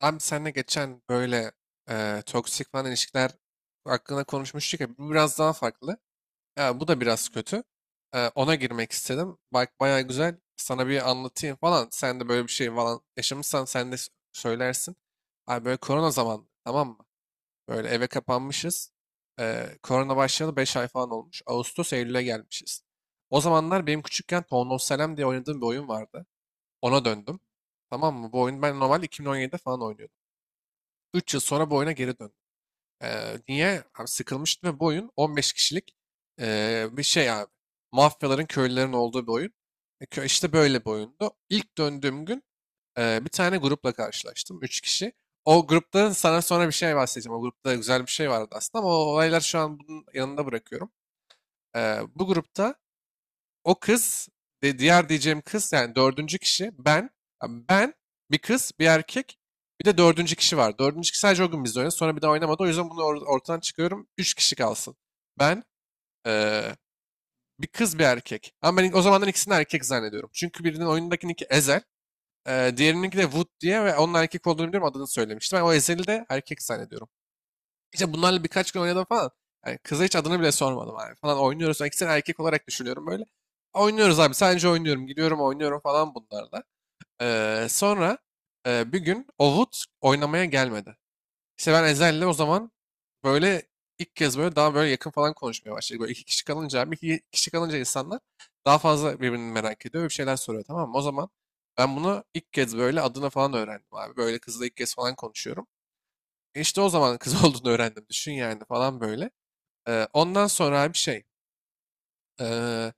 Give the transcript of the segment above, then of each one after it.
Abi seninle geçen böyle toksik falan ilişkiler hakkında konuşmuştuk ya bu biraz daha farklı. Ya bu da biraz kötü. Ona girmek istedim. Bak bayağı güzel. Sana bir anlatayım falan. Sen de böyle bir şey falan yaşamışsan sen de söylersin. Abi böyle korona zamanı, tamam mı? Böyle eve kapanmışız. Korona başlayalı 5 ay falan olmuş. Ağustos Eylül'e gelmişiz. O zamanlar benim küçükken Town of Salem diye oynadığım bir oyun vardı. Ona döndüm. Tamam mı? Bu oyunu ben normal 2017'de falan oynuyordum. 3 yıl sonra bu oyuna geri döndüm. Niye? Abi sıkılmıştım ve bu oyun 15 kişilik bir şey abi. Mafyaların, köylülerin olduğu bir oyun. İşte böyle bir oyundu. İlk döndüğüm gün bir tane grupla karşılaştım. 3 kişi. O grupta sana sonra bir şey bahsedeceğim. O grupta güzel bir şey vardı aslında ama o olaylar şu an bunun yanında bırakıyorum. Bu grupta o kız, de diğer diyeceğim kız yani dördüncü kişi ben, yani ben, bir kız, bir erkek, bir de dördüncü kişi var. Dördüncü kişi sadece o gün bizde oynadı. Sonra bir daha oynamadı. O yüzden bunu ortadan çıkıyorum. Üç kişi kalsın. Ben, eee, bir kız, bir erkek. Ama ben o zamandan ikisini erkek zannediyorum. Çünkü birinin oyundakinin iki Ezel, diğerininki de Wood diye ve onun erkek olduğunu biliyorum, adını söylemiştim. Ben o Ezel'i de erkek zannediyorum. İşte bunlarla birkaç gün oynadım falan. Yani kıza hiç adını bile sormadım abi, falan oynuyoruz. Yani ikisini erkek olarak düşünüyorum böyle. Oynuyoruz abi, sadece oynuyorum. Gidiyorum oynuyorum falan bunlarla. Sonra bir gün Ovut oynamaya gelmedi. İşte ben Ezel'le o zaman böyle ilk kez böyle daha böyle yakın falan konuşmaya başladık. Böyle iki kişi kalınca abi, iki kişi kalınca insanlar daha fazla birbirini merak ediyor ve bir şeyler soruyor, tamam mı? O zaman ben bunu ilk kez böyle adını falan öğrendim abi. Böyle kızla ilk kez falan konuşuyorum. İşte o zaman kız olduğunu öğrendim. Düşün yani falan böyle. Ondan sonra bir şey. ee,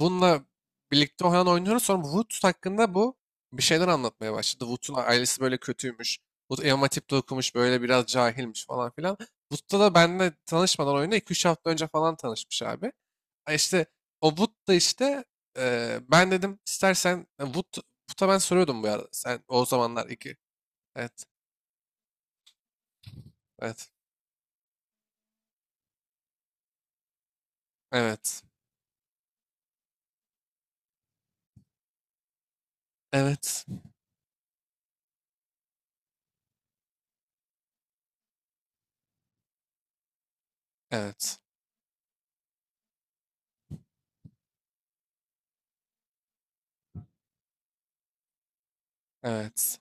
bununla birlikte oynuyoruz. Sonra Wood hakkında bu bir şeyler anlatmaya başladı. Wood'un ailesi böyle kötüymüş. Wood Elma tipte okumuş. Böyle biraz cahilmiş falan filan. Wood'da da benimle tanışmadan oyunda 2 üç hafta önce falan tanışmış abi. Ha, İşte o Wood da işte ben dedim istersen Wood, Wood'a ben soruyordum bu arada. Sen o zamanlar iki. Evet. Evet. Evet. Evet. Evet. Evet.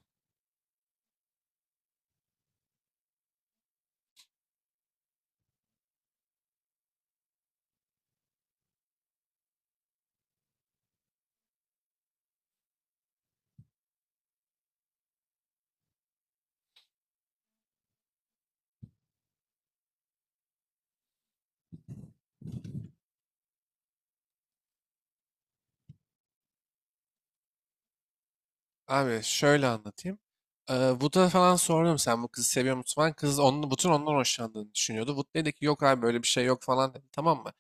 Abi şöyle anlatayım. Wood'a falan sordum, sen bu kızı seviyor musun falan. Kız onun, bütün ondan hoşlandığını düşünüyordu. Wood dedi ki yok abi böyle bir şey yok falan dedi, tamam mı?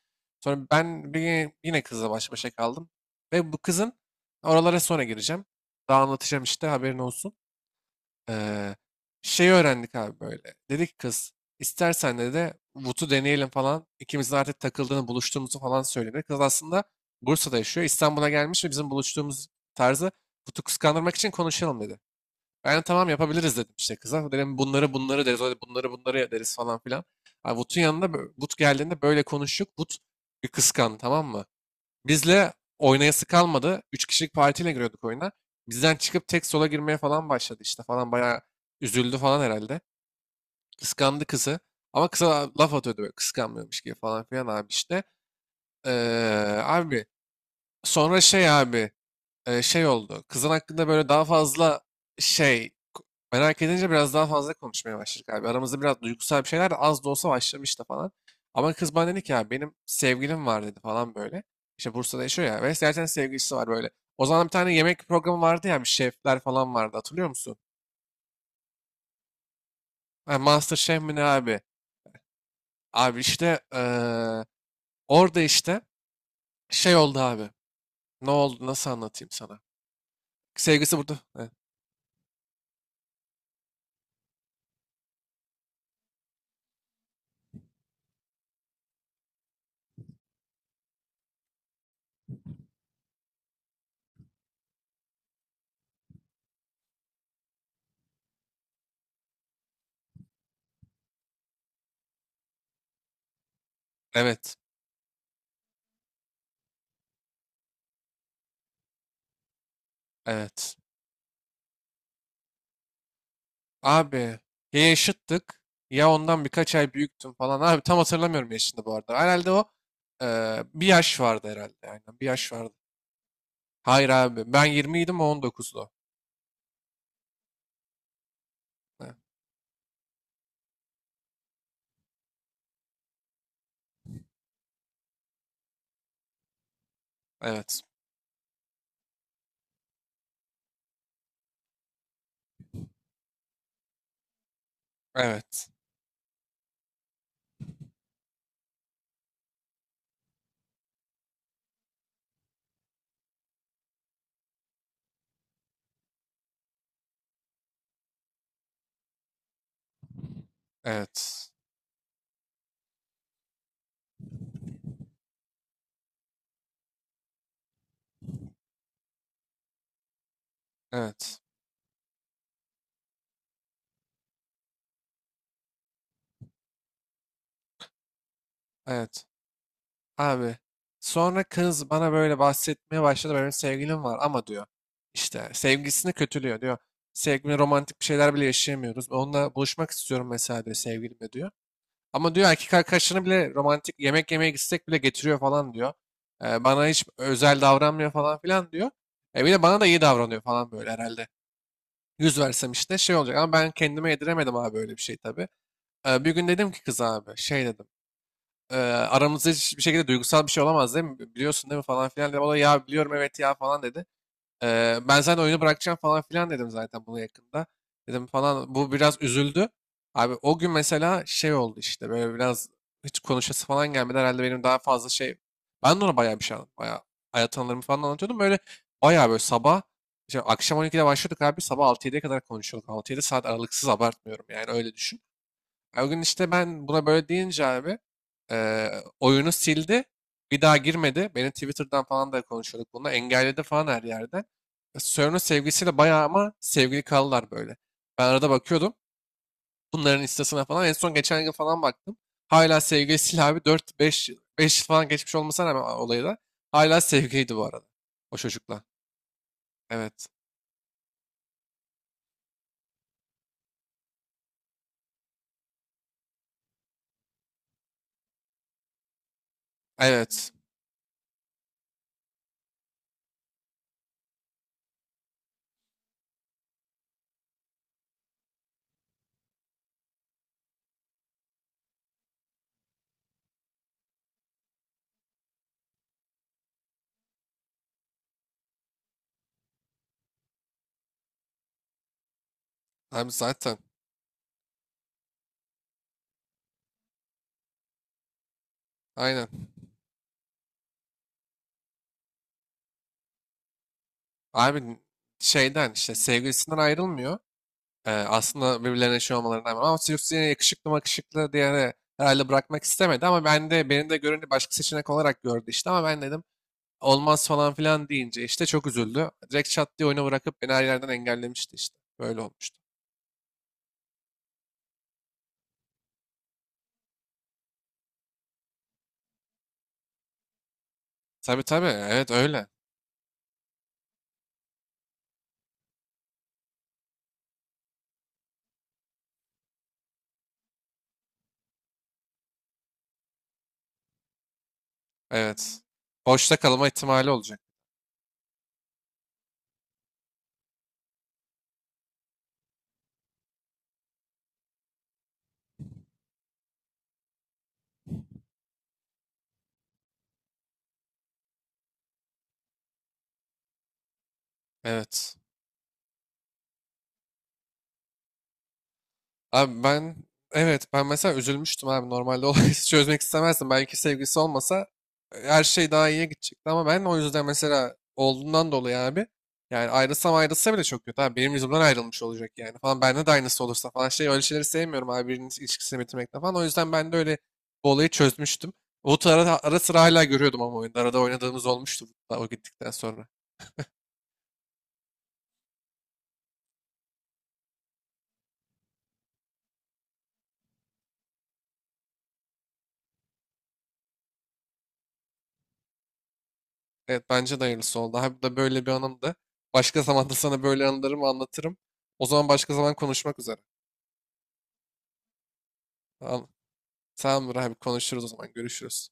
Sonra ben bir, yine kızla baş başa kaldım. Ve bu kızın, oralara sonra gireceğim. Daha anlatacağım işte, haberin olsun. Ee, şey öğrendik abi böyle. Dedi ki kız, istersen de Vut'u deneyelim falan. İkimizin artık takıldığını, buluştuğumuzu falan söyledi. Kız aslında Bursa'da yaşıyor. İstanbul'a gelmiş ve bizim buluştuğumuz tarzı Vut'u kıskandırmak için konuşalım dedi. Ben de tamam, yapabiliriz dedim işte kıza. Dedim bunları bunları deriz. Öyle bunları bunları deriz falan filan. Abi Vut'un yanında Vut geldiğinde böyle konuştuk. Vut bir kıskandı, tamam mı? Bizle oynayası kalmadı. Üç kişilik partiyle giriyorduk oyuna. Bizden çıkıp tek sola girmeye falan başladı işte falan, bayağı üzüldü falan herhalde. Kıskandı kızı. Ama kıza laf atıyordu böyle kıskanmıyormuş gibi falan filan abi işte. Abi sonra şey abi şey oldu. Kızın hakkında böyle daha fazla şey merak edince biraz daha fazla konuşmaya başladık abi. Aramızda biraz duygusal bir şeyler de, az da olsa, başlamıştı falan. Ama kız bana dedi ki ya benim sevgilim var dedi falan böyle. İşte Bursa'da yaşıyor ya ve zaten sevgilisi var böyle. O zaman bir tane yemek programı vardı ya, bir şefler falan vardı, hatırlıyor musun? Ha, Master Chef mi ne abi? Abi işte orada işte şey oldu abi. Ne oldu, nasıl anlatayım sana? Sevgilisi burada, evet. Evet, evet. Abi ya yaşıttık ya ondan birkaç ay büyüktüm falan. Abi tam hatırlamıyorum yaşını bu arada. Herhalde o bir yaş vardı herhalde. Aynen, bir yaş vardı. Hayır abi, ben 20 idim, o 19'du. Ha, evet, evet, evet, evet, evet. Abi sonra kız bana böyle bahsetmeye başladı. Benim sevgilim var ama diyor. İşte sevgilisini kötülüyor diyor. Sevgilimle romantik bir şeyler bile yaşayamıyoruz, onunla buluşmak istiyorum mesela diyor, sevgilimle diyor. Ama diyor erkek arkadaşlarını bile romantik yemek yemeye gitsek bile getiriyor falan diyor. Bana hiç özel davranmıyor falan filan diyor. Bir de bana da iyi davranıyor falan böyle herhalde. Yüz versem işte şey olacak ama ben kendime yediremedim abi böyle bir şey tabii. Bir gün dedim ki kız abi şey dedim. Eee, aramızda hiçbir şekilde duygusal bir şey olamaz değil mi? Biliyorsun değil mi falan filan dedim. O da ya biliyorum evet ya falan dedi. Ben zaten oyunu bırakacağım falan filan dedim zaten, bunu yakında. Dedim falan, bu biraz üzüldü. Abi o gün mesela şey oldu işte, böyle biraz hiç konuşası falan gelmedi. Herhalde benim daha fazla şey. Ben de ona bayağı bir şey anlattım. Bayağı hayat anılarımı falan anlatıyordum. Böyle bayağı böyle sabah işte akşam 12'de başlıyorduk abi. Sabah 6-7'ye kadar konuşuyorduk. 6-7 saat aralıksız, abartmıyorum yani, öyle düşün. O gün işte ben buna böyle deyince abi oyunu sildi. Bir daha girmedi. Beni Twitter'dan falan da konuşuyorduk bununla. Engelledi falan her yerden. Sörn'ün sevgilisiyle bayağı, ama sevgili kaldılar böyle. Ben arada bakıyordum. Bunların instasına falan. En son geçen yıl falan baktım. Hala sevgilisiyle abi, dört beş beş yıl falan geçmiş olmasına rağmen olayı da. Hala sevgiliydi bu arada. O çocukla. Evet. Evet. Abi zaten. Aynen. Abi şeyden, işte sevgilisinden ayrılmıyor. Aslında birbirlerine şey olmalarına rağmen ama Sirius yine yakışıklı makışıklı diye herhalde bırakmak istemedi, ama ben de, beni de görünce başka seçenek olarak gördü işte, ama ben dedim olmaz falan filan deyince işte çok üzüldü. Direkt çat diye oyunu bırakıp beni her yerden engellemişti işte. Böyle olmuştu. Tabii tabii, evet öyle. Evet. Boşta kalma ihtimali olacak. Evet. Abi ben, evet, ben mesela üzülmüştüm abi normalde olayı çözmek istemezdim. Belki sevgilisi olmasa her şey daha iyiye gidecekti ama ben o yüzden mesela olduğundan dolayı abi, yani ayrılsa bile çok kötü abi, benim yüzümden ayrılmış olacak yani falan, bende de aynısı olursa falan, şey, öyle şeyleri sevmiyorum abi, birinin ilişkisini bitirmekten falan, o yüzden ben de öyle bu olayı çözmüştüm. Umut'u ara sıra hala görüyordum ama oyunda arada oynadığımız olmuştu Wood'la, o gittikten sonra. Evet, bence de hayırlısı oldu. Hem da böyle bir anımdı. Başka zaman da sana böyle anılarımı anlatırım. O zaman başka zaman konuşmak üzere. Tamam. Tamamdır abi, konuşuruz o zaman. Görüşürüz.